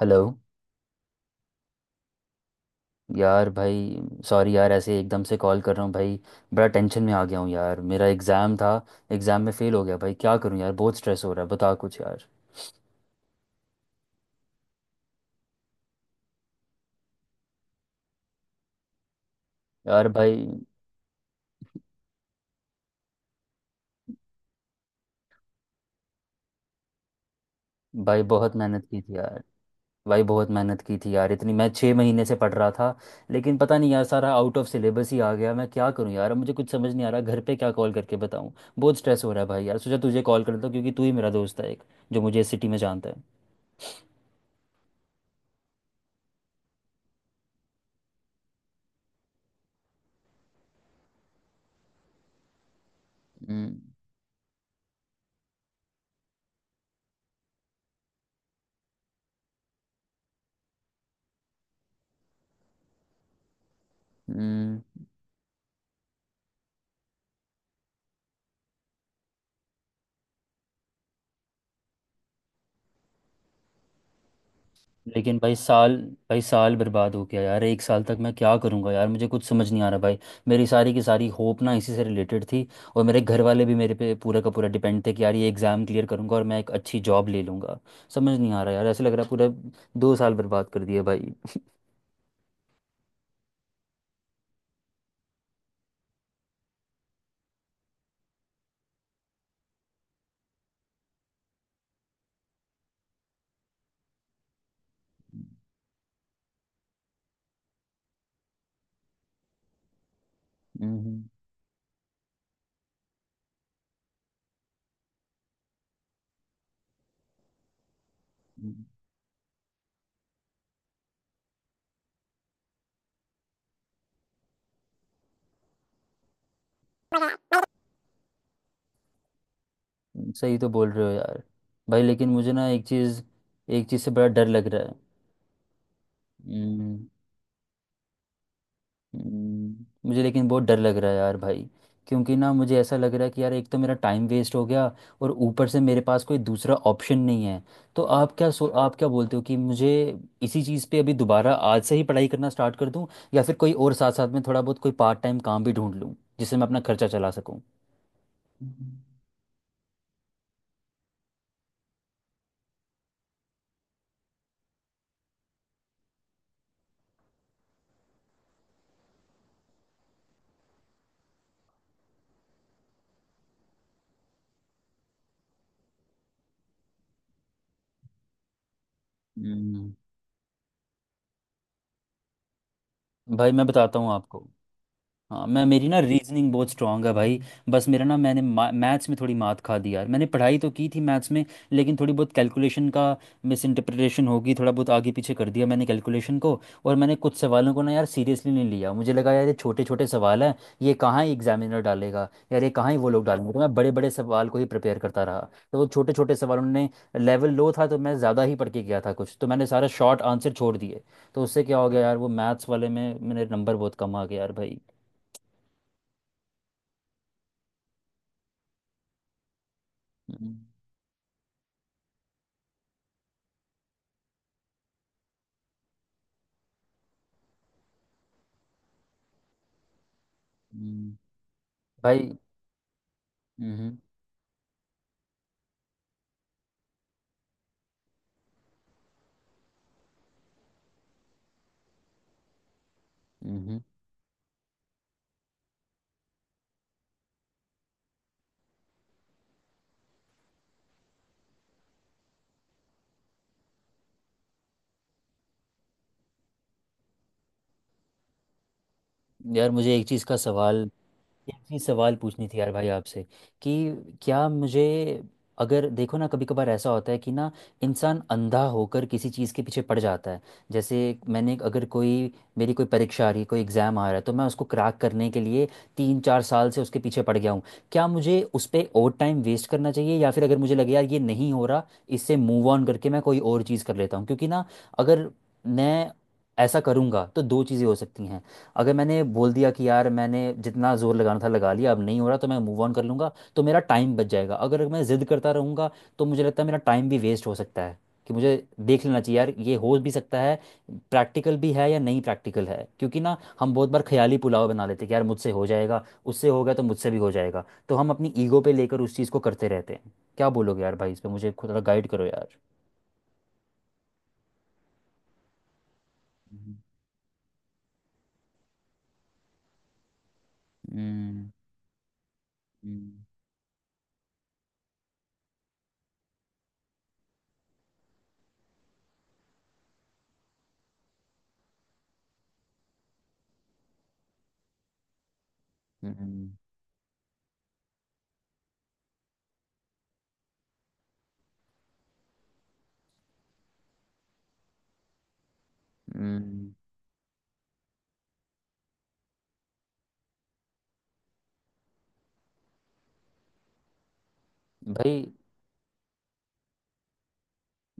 Hello. यार भाई, sorry यार ऐसे एकदम से कॉल कर रहा हूँ भाई। बड़ा टेंशन में आ गया हूँ यार, मेरा एग्ज़ाम था। एग्ज़ाम में फ़ेल हो गया भाई, क्या करूँ यार, बहुत स्ट्रेस हो रहा है, बता कुछ यार। यार भाई, भाई बहुत मेहनत की थी यार भाई बहुत मेहनत की थी यार, इतनी मैं 6 महीने से पढ़ रहा था। लेकिन पता नहीं यार, सारा आउट ऑफ सिलेबस ही आ गया, मैं क्या करूँ यार, अब मुझे कुछ समझ नहीं आ रहा, घर पे क्या कॉल करके बताऊँ। बहुत स्ट्रेस हो रहा है भाई, यार सोचा तुझे कॉल कर लेता हूँ, क्योंकि तू ही मेरा दोस्त है एक जो मुझे इस सिटी में जानता है। हम्म। हम्म। लेकिन भाई साल बर्बाद हो गया यार, एक साल तक मैं क्या करूँगा यार, मुझे कुछ समझ नहीं आ रहा भाई। मेरी सारी की सारी होप ना इसी से रिलेटेड थी, और मेरे घर वाले भी मेरे पे पूरा का पूरा डिपेंड थे कि यार ये एग्ज़ाम क्लियर करूँगा और मैं एक अच्छी जॉब ले लूँगा। समझ नहीं आ रहा यार, ऐसे लग रहा है पूरा 2 साल बर्बाद कर दिए भाई। हम्म। हम्म। सही तो बोल रहे हो यार भाई, लेकिन मुझे ना एक चीज़ से बड़ा डर लग रहा है। हम्म। मुझे लेकिन बहुत डर लग रहा है यार भाई, क्योंकि ना मुझे ऐसा लग रहा है कि यार एक तो मेरा टाइम वेस्ट हो गया और ऊपर से मेरे पास कोई दूसरा ऑप्शन नहीं है। तो आप क्या बोलते हो कि मुझे इसी चीज़ पे अभी दोबारा आज से ही पढ़ाई करना स्टार्ट कर दूं, या फिर कोई और साथ साथ में थोड़ा बहुत कोई पार्ट टाइम काम भी ढूंढ लूं जिससे मैं अपना खर्चा चला सकूं। हम्म। भाई मैं बताता हूँ आपको। हाँ, मैं मेरी ना रीजनिंग बहुत स्ट्रांग है भाई, बस मेरा ना मैंने मैथ्स में थोड़ी मात खा दी यार, मैंने पढ़ाई तो की थी मैथ्स में, लेकिन थोड़ी बहुत कैलकुलेशन का मिस इंटरप्रिटेशन होगी, थोड़ा बहुत आगे पीछे कर दिया मैंने कैलकुलेशन को। और मैंने कुछ सवालों को ना यार सीरियसली नहीं लिया, मुझे लगा यार ये छोटे छोटे सवाल हैं, ये कहाँ ही एग्जामिनर डालेगा यार, ये कहाँ ही वो लोग डालेंगे, तो मैं बड़े बड़े सवाल को ही प्रिपेयर करता रहा, तो वो छोटे छोटे सवालों ने, लेवल लो था तो मैं ज़्यादा ही पढ़ के गया था, कुछ तो मैंने सारा शॉर्ट आंसर छोड़ दिए। तो उससे क्या हो गया यार, वो मैथ्स वाले में मेरे नंबर बहुत कम आ गए यार भाई। हम्म। हम्म। भाई। हम्म। हम्म। हम्म। यार मुझे एक चीज सवाल पूछनी थी यार भाई आपसे, कि क्या मुझे, अगर देखो ना कभी कभार ऐसा होता है कि ना इंसान अंधा होकर किसी चीज़ के पीछे पड़ जाता है। जैसे मैंने, अगर कोई, मेरी कोई परीक्षा आ रही है, कोई एग्ज़ाम आ रहा है, तो मैं उसको क्रैक करने के लिए 3-4 साल से उसके पीछे पड़ गया हूँ। क्या मुझे उस पर और टाइम वेस्ट करना चाहिए, या फिर अगर मुझे लगे यार ये नहीं हो रहा, इससे मूव ऑन करके मैं कोई और चीज़ कर लेता हूँ, क्योंकि ना, अगर मैं ऐसा करूँगा तो दो चीज़ें हो सकती हैं। अगर मैंने बोल दिया कि यार मैंने जितना जोर लगाना था लगा लिया, अब नहीं हो रहा, तो मैं मूव ऑन कर लूँगा तो मेरा टाइम बच जाएगा। अगर मैं जिद करता रहूँगा, तो मुझे लगता है मेरा टाइम भी वेस्ट हो सकता है। कि मुझे देख लेना चाहिए यार ये हो भी सकता है, प्रैक्टिकल भी है या नहीं, प्रैक्टिकल है क्योंकि ना हम बहुत बार ख्याली पुलाव बना लेते हैं कि यार मुझसे हो जाएगा, उससे हो गया तो मुझसे भी हो जाएगा, तो हम अपनी ईगो पे लेकर उस चीज़ को करते रहते हैं। क्या बोलोगे यार भाई इस पे, मुझे थोड़ा गाइड करो यार। हम्म। हम्म। हम्म। हम्म। हम्म। भाई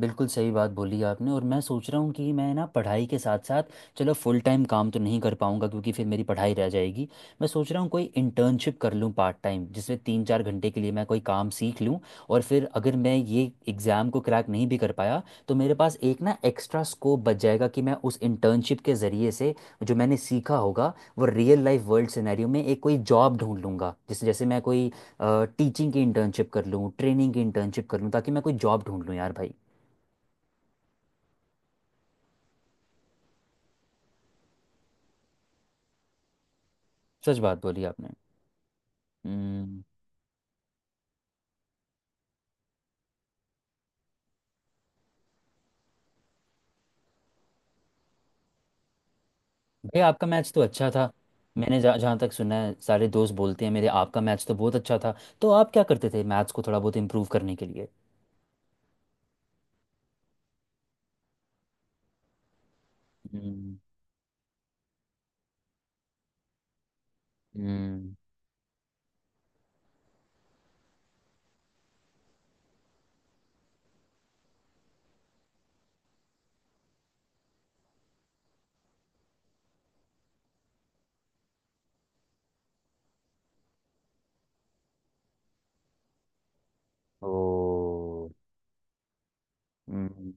बिल्कुल सही बात बोली आपने, और मैं सोच रहा हूँ कि मैं ना पढ़ाई के साथ साथ, चलो फुल टाइम काम तो नहीं कर पाऊंगा क्योंकि फिर मेरी पढ़ाई रह जाएगी, मैं सोच रहा हूँ कोई इंटर्नशिप कर लूँ पार्ट टाइम, जिसमें 3-4 घंटे के लिए मैं कोई काम सीख लूँ। और फिर अगर मैं ये एग्ज़ाम को क्रैक नहीं भी कर पाया, तो मेरे पास एक ना एक्स्ट्रा स्कोप बच जाएगा कि मैं उस इंटर्नशिप के ज़रिए से जो मैंने सीखा होगा वो रियल लाइफ वर्ल्ड सिनेरियो में एक कोई जॉब ढूंढ लूँगा। जैसे जैसे मैं कोई टीचिंग की इंटर्नशिप कर लूँ, ट्रेनिंग की इंटर्नशिप कर लूँ, ताकि मैं कोई जॉब ढूंढ लूँ यार भाई। सच बात बोली आपने। हम्म। भैया आपका मैच तो अच्छा था, मैंने जहाँ जहाँ तक सुना है सारे दोस्त बोलते हैं मेरे, आपका मैच तो बहुत अच्छा था। तो आप क्या करते थे मैथ्स को थोड़ा बहुत इम्प्रूव करने के लिए? हम्म। हम्म। ओ। हम्म।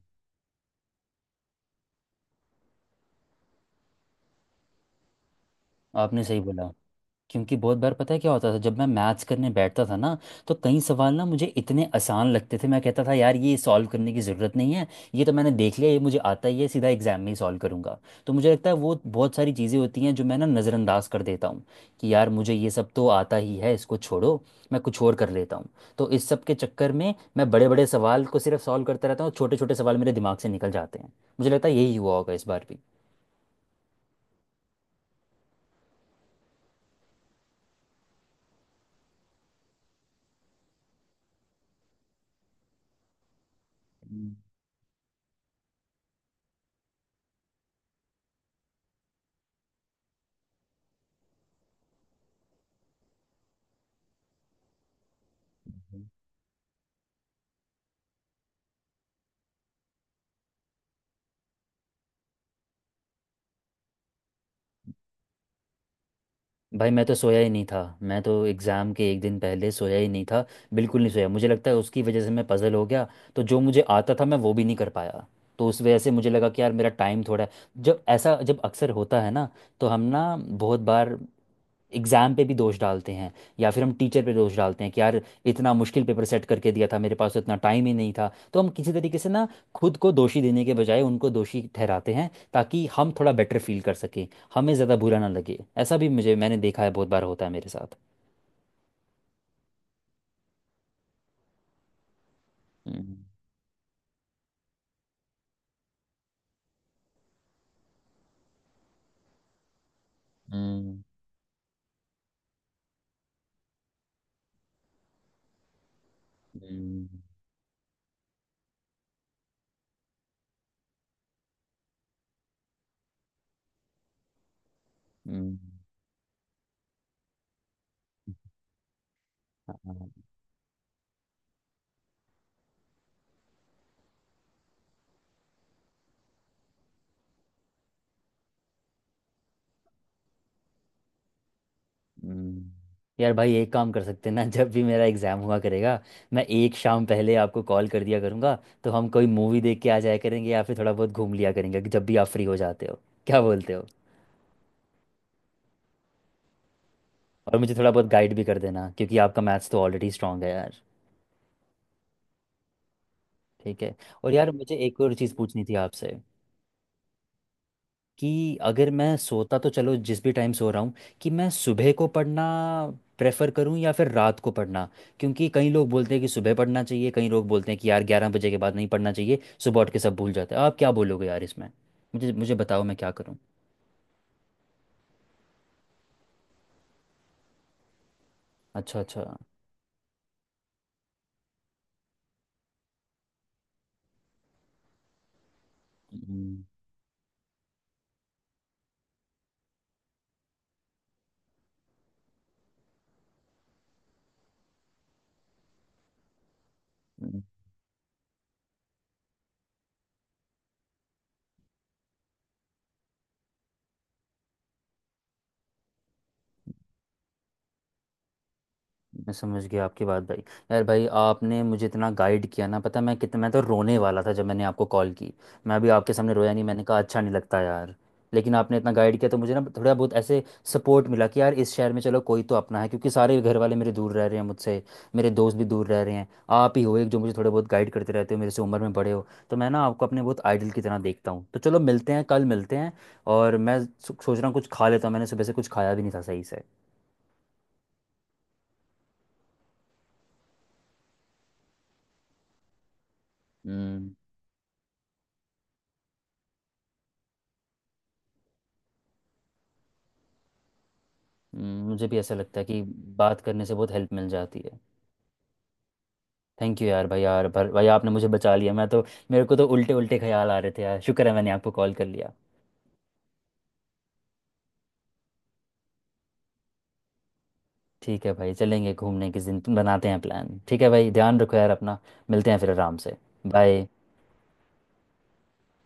आपने सही बोला, क्योंकि बहुत बार पता है क्या होता था, जब मैं मैथ्स करने बैठता था ना, तो कई सवाल ना मुझे इतने आसान लगते थे, मैं कहता था यार ये सॉल्व करने की ज़रूरत नहीं है, ये तो मैंने देख लिया, ये मुझे आता ही है, सीधा एग्जाम में ही सॉल्व करूंगा। तो मुझे लगता है वो बहुत सारी चीज़ें होती हैं जो मैं ना नज़रअंदाज कर देता हूँ, कि यार मुझे ये सब तो आता ही है, इसको छोड़ो, मैं कुछ और कर लेता हूँ। तो इस सब के चक्कर में मैं बड़े बड़े सवाल को सिर्फ सॉल्व करता रहता हूँ, छोटे छोटे सवाल मेरे दिमाग से निकल जाते हैं। मुझे लगता है यही हुआ होगा इस बार भी। हम्म। भाई मैं तो सोया ही नहीं था, मैं तो एग्ज़ाम के एक दिन पहले सोया ही नहीं था, बिल्कुल नहीं सोया, मुझे लगता है उसकी वजह से मैं पज़ल हो गया, तो जो मुझे आता था मैं वो भी नहीं कर पाया। तो उस वजह से मुझे लगा कि यार मेरा टाइम थोड़ा है। जब ऐसा जब अक्सर होता है ना, तो हम ना बहुत बार एग्ज़ाम पे भी दोष डालते हैं, या फिर हम टीचर पे दोष डालते हैं कि यार इतना मुश्किल पेपर सेट करके दिया था, मेरे पास तो इतना टाइम ही नहीं था, तो हम किसी तरीके से ना खुद को दोषी देने के बजाय उनको दोषी ठहराते हैं ताकि हम थोड़ा बेटर फील कर सकें, हमें ज़्यादा बुरा ना लगे। ऐसा भी मुझे, मैंने देखा है बहुत बार होता है मेरे साथ। हम्म। हम्म। हम्म। हम्म। हाँ। हम्म। यार भाई एक काम कर सकते हैं ना जब भी मेरा एग्ज़ाम हुआ करेगा, मैं एक शाम पहले आपको कॉल कर दिया करूँगा, तो हम कोई मूवी देख के आ जाया करेंगे, या फिर थोड़ा बहुत घूम लिया करेंगे, कि जब भी आप फ्री हो जाते हो, क्या बोलते हो? और मुझे थोड़ा बहुत गाइड भी कर देना क्योंकि आपका मैथ्स तो ऑलरेडी स्ट्रांग है यार। ठीक है। और यार मुझे एक और चीज़ पूछनी थी आपसे, कि अगर मैं सोता तो चलो जिस भी टाइम सो रहा हूँ, कि मैं सुबह को पढ़ना प्रेफर करूँ या फिर रात को पढ़ना, क्योंकि कई लोग बोलते हैं कि सुबह पढ़ना चाहिए, कई लोग बोलते हैं कि यार 11 बजे के बाद नहीं पढ़ना चाहिए, सुबह उठ के सब भूल जाते हैं, आप क्या बोलोगे यार इसमें? मुझे मुझे बताओ मैं क्या करूँ। अच्छा अच्छा। हम्म। मैं समझ गया आपकी बात भाई। यार भाई आपने मुझे इतना गाइड किया ना, पता मैं कितना, मैं तो रोने वाला था जब मैंने आपको कॉल की, मैं अभी आपके सामने रोया नहीं, मैंने कहा अच्छा नहीं लगता यार। लेकिन आपने इतना गाइड किया तो मुझे ना थोड़ा बहुत ऐसे सपोर्ट मिला कि यार इस शहर में चलो कोई तो अपना है, क्योंकि सारे घर वाले मेरे दूर रह रहे हैं मुझसे, मेरे दोस्त भी दूर रह रहे हैं, आप ही हो एक जो मुझे थोड़े बहुत गाइड करते रहते हो, मेरे से उम्र में बड़े हो, तो मैं ना आपको अपने बहुत आइडल की तरह देखता हूँ। तो चलो मिलते हैं, कल मिलते हैं। और मैं सोच रहा हूँ कुछ खा लेता हूँ, मैंने सुबह से कुछ खाया भी नहीं था सही से। हम्म। हम्म। मुझे भी ऐसा लगता है कि बात करने से बहुत हेल्प मिल जाती है। थैंक यू यार भाई, भाई आपने मुझे बचा लिया, मैं तो, मेरे को तो उल्टे उल्टे ख्याल आ रहे थे यार, शुक्र है मैंने आपको कॉल कर लिया। ठीक है भाई, चलेंगे घूमने, किस दिन बनाते हैं प्लान? ठीक है भाई, ध्यान रखो यार अपना, मिलते हैं फिर आराम से। बाय।